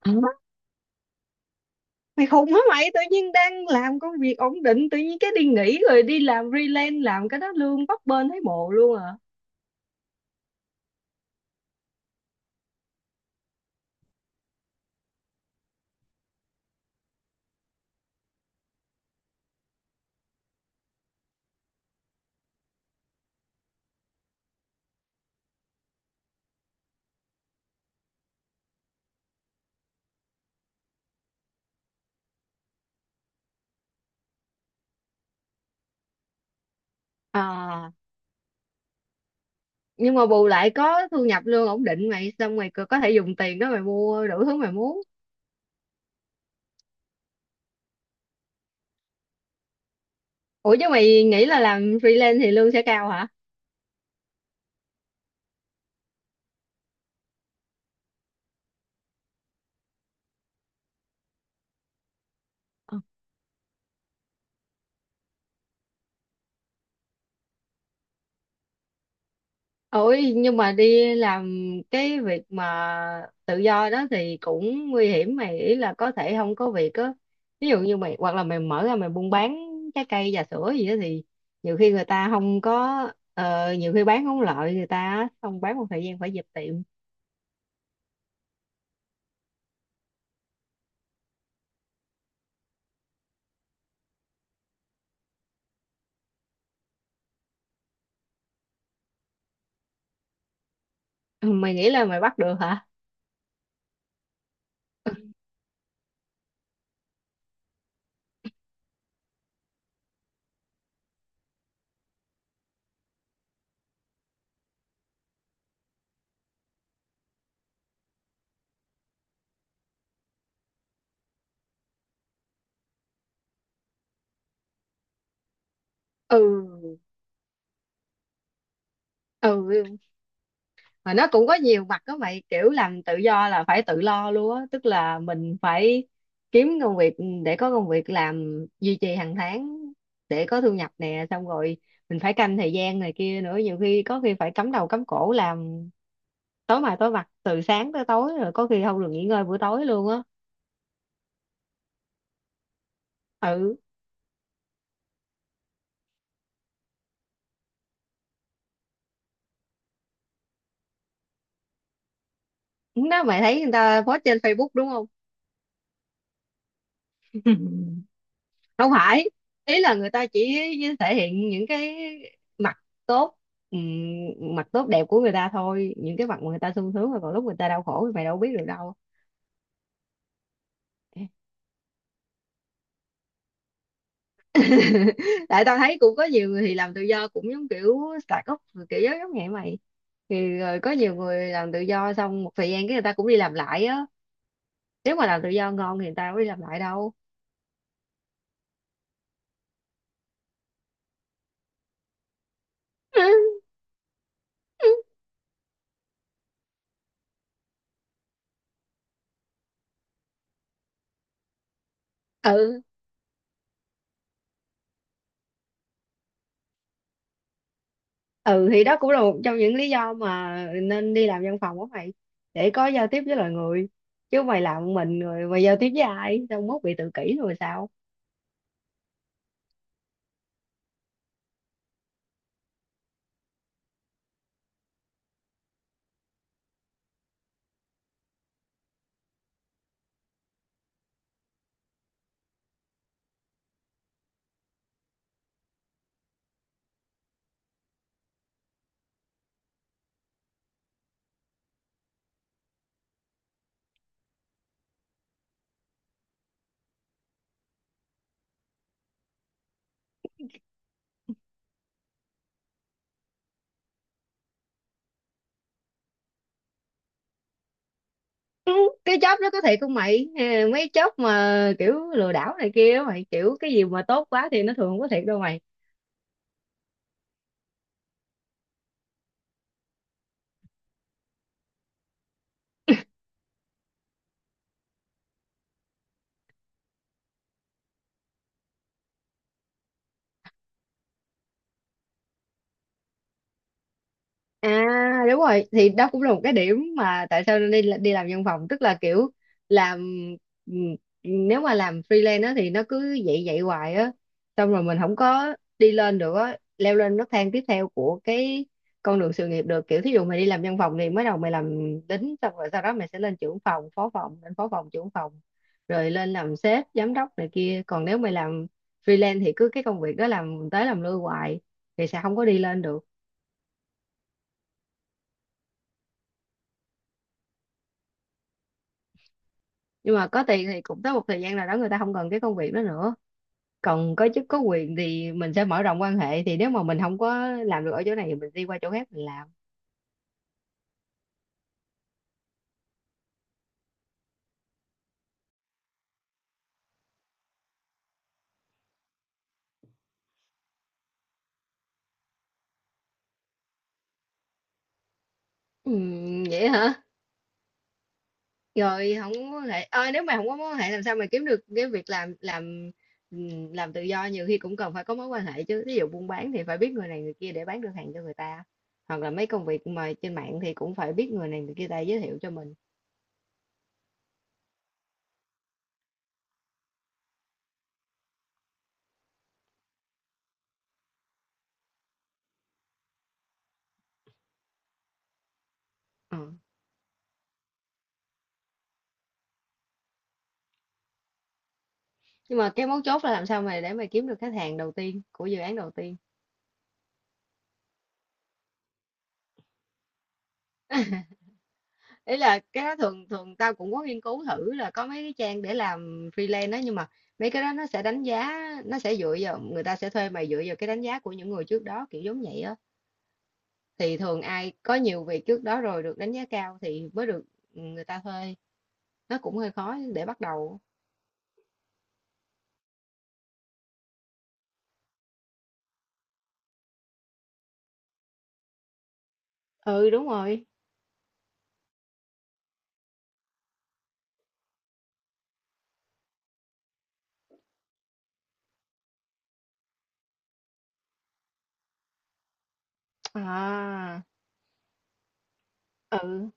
Ờ, mày khùng hả? Mày tự nhiên đang làm công việc ổn định tự nhiên cái đi nghỉ rồi đi làm freelance, làm cái đó lương bấp bênh thấy mồ luôn à. À, nhưng mà bù lại có thu nhập lương ổn định mày, xong mày có thể dùng tiền đó mày mua đủ thứ mày muốn. Ủa, chứ mày nghĩ là làm freelance thì lương sẽ cao hả? Ôi, nhưng mà đi làm cái việc mà tự do đó thì cũng nguy hiểm mày, ý là có thể không có việc á. Ví dụ như mày, hoặc là mày mở ra mày buôn bán trái cây trà sữa gì đó thì nhiều khi người ta không có, nhiều khi bán không lợi người ta á, xong bán một thời gian phải dẹp tiệm. Ừ, mày nghĩ là mày bắt được hả? Ừ. Ừ, mà nó cũng có nhiều mặt đó mày, kiểu làm tự do là phải tự lo luôn á, tức là mình phải kiếm công việc, để có công việc làm duy trì hàng tháng, để có thu nhập nè, xong rồi mình phải canh thời gian này kia nữa, nhiều khi có khi phải cắm đầu cắm cổ làm tối mai tối mặt từ sáng tới tối, rồi có khi không được nghỉ ngơi buổi tối luôn á. Ừ, đó mày thấy người ta post trên Facebook đúng không? Không phải, ý là người ta chỉ thể hiện những cái mặt tốt, ừm, mặt tốt đẹp của người ta thôi, những cái mặt mà người ta sung sướng, rồi còn lúc người ta đau khổ thì mày đâu biết được đâu. Tại tao thấy cũng có nhiều người thì làm tự do cũng giống kiểu start up rồi, kiểu giống giống vậy mày, thì rồi có nhiều người làm tự do xong một thời gian cái người ta cũng đi làm lại á. Nếu mà làm tự do ngon thì người ta đâu có đi làm lại đâu. Ừ. Ừ, thì đó cũng là một trong những lý do mà nên đi làm văn phòng của mày, để có giao tiếp với loài người, chứ mày làm một mình rồi mày giao tiếp với ai, xong mốt bị tự kỷ rồi sao. Ừ, cái job đó có thiệt không mày? Ừ, mấy job mà kiểu lừa đảo này kia á mày, kiểu cái gì mà tốt quá thì nó thường không có thiệt đâu mày. À đúng rồi, thì đó cũng là một cái điểm mà tại sao nên đi đi làm văn phòng, tức là kiểu làm, ừm, nếu mà làm freelance á thì nó cứ vậy vậy hoài á, xong rồi mình không có đi lên được á, leo lên nấc thang tiếp theo của cái con đường sự nghiệp được, kiểu thí dụ mày đi làm văn phòng thì mới đầu mày làm lính, xong rồi sau đó mày sẽ lên trưởng phòng phó phòng, lên phó phòng trưởng phòng, rồi lên làm sếp giám đốc này kia. Còn nếu mày làm freelance thì cứ cái công việc đó làm tới làm lui hoài thì sẽ không có đi lên được. Nhưng mà có tiền thì cũng tới một thời gian nào đó người ta không cần cái công việc đó nữa, còn có chức có quyền thì mình sẽ mở rộng quan hệ, thì nếu mà mình không có làm được ở chỗ này thì mình đi qua chỗ khác mình làm. Ừ, vậy hả? Rồi không có mối quan hệ. Ờ, nếu mà không có mối quan hệ làm sao mà kiếm được cái việc làm, làm tự do nhiều khi cũng cần phải có mối quan hệ chứ, ví dụ buôn bán thì phải biết người này người kia để bán được hàng cho người ta, hoặc là mấy công việc mà trên mạng thì cũng phải biết người này người kia ta giới thiệu cho mình. Ờ. Nhưng mà cái mấu chốt là làm sao mà để mà kiếm được khách hàng đầu tiên của dự án đầu tiên. Ý là cái đó thường thường tao cũng có nghiên cứu thử là có mấy cái trang để làm freelance đó, nhưng mà mấy cái đó nó sẽ đánh giá, nó sẽ dựa vào, người ta sẽ thuê mày dựa vào cái đánh giá của những người trước đó kiểu giống vậy á. Thì thường ai có nhiều việc trước đó rồi được đánh giá cao thì mới được, người ta thuê, nó cũng hơi khó để bắt đầu. Ừ đúng rồi. À. Ừ.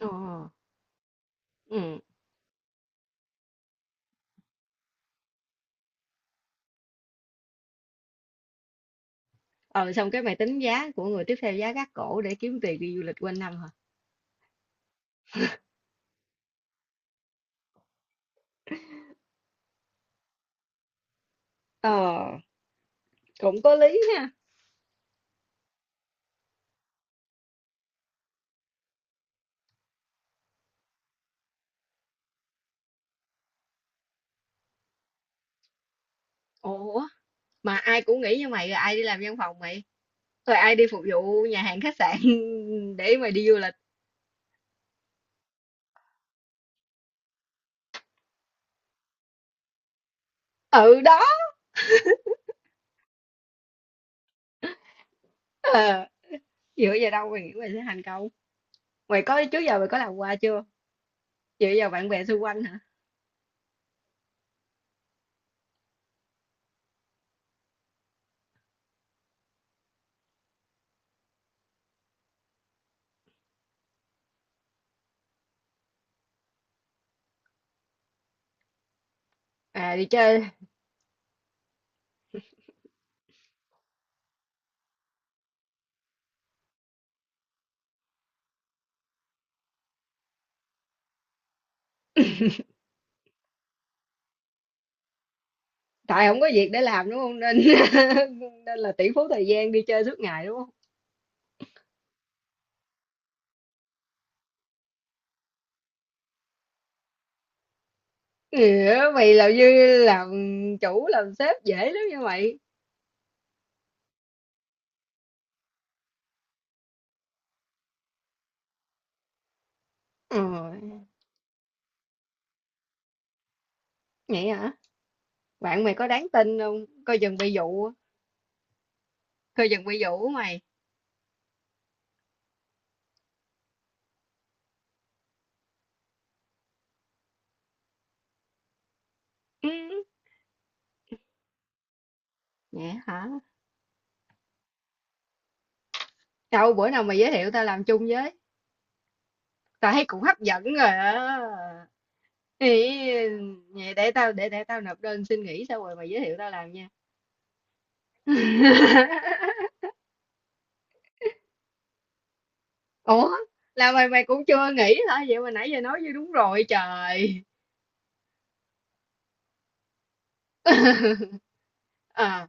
Ờ. Ừ. Ừ, xong cái mày tính giá của người tiếp theo giá gác cổ để kiếm tiền đi du lịch quanh năm hả? Ờ, cũng có lý ha. Ủa, mà ai cũng nghĩ như mày rồi ai đi làm văn phòng mày, rồi ai đi phục vụ nhà hàng khách sạn để mà đi du lịch. Ừ đó. Ờ, dựa vào đâu mày nghĩ mày sẽ thành công? Mày có, trước giờ mày có làm qua chưa? Dựa vào bạn bè xung quanh hả? À đi chơi. Tại không có việc để làm đúng không nên nên là tỷ phú thời gian đi chơi suốt ngày đúng không? Ừ, mày làm như làm chủ làm sếp dễ lắm như mày. Ừ, vậy hả? Bạn mày có đáng tin không, coi chừng bị dụ. Coi chừng bị dụ mày. Ừ, vậy hả? Đâu bữa nào mà giới thiệu tao làm chung với. Tao thấy cũng hấp dẫn rồi á. Ý, vậy để tao để tao nộp đơn xin nghỉ xong rồi mày giới thiệu tao làm nha. Ủa, là mày mày cũng chưa nghỉ hả? Vậy mà nãy giờ nói như đúng rồi trời. Ờ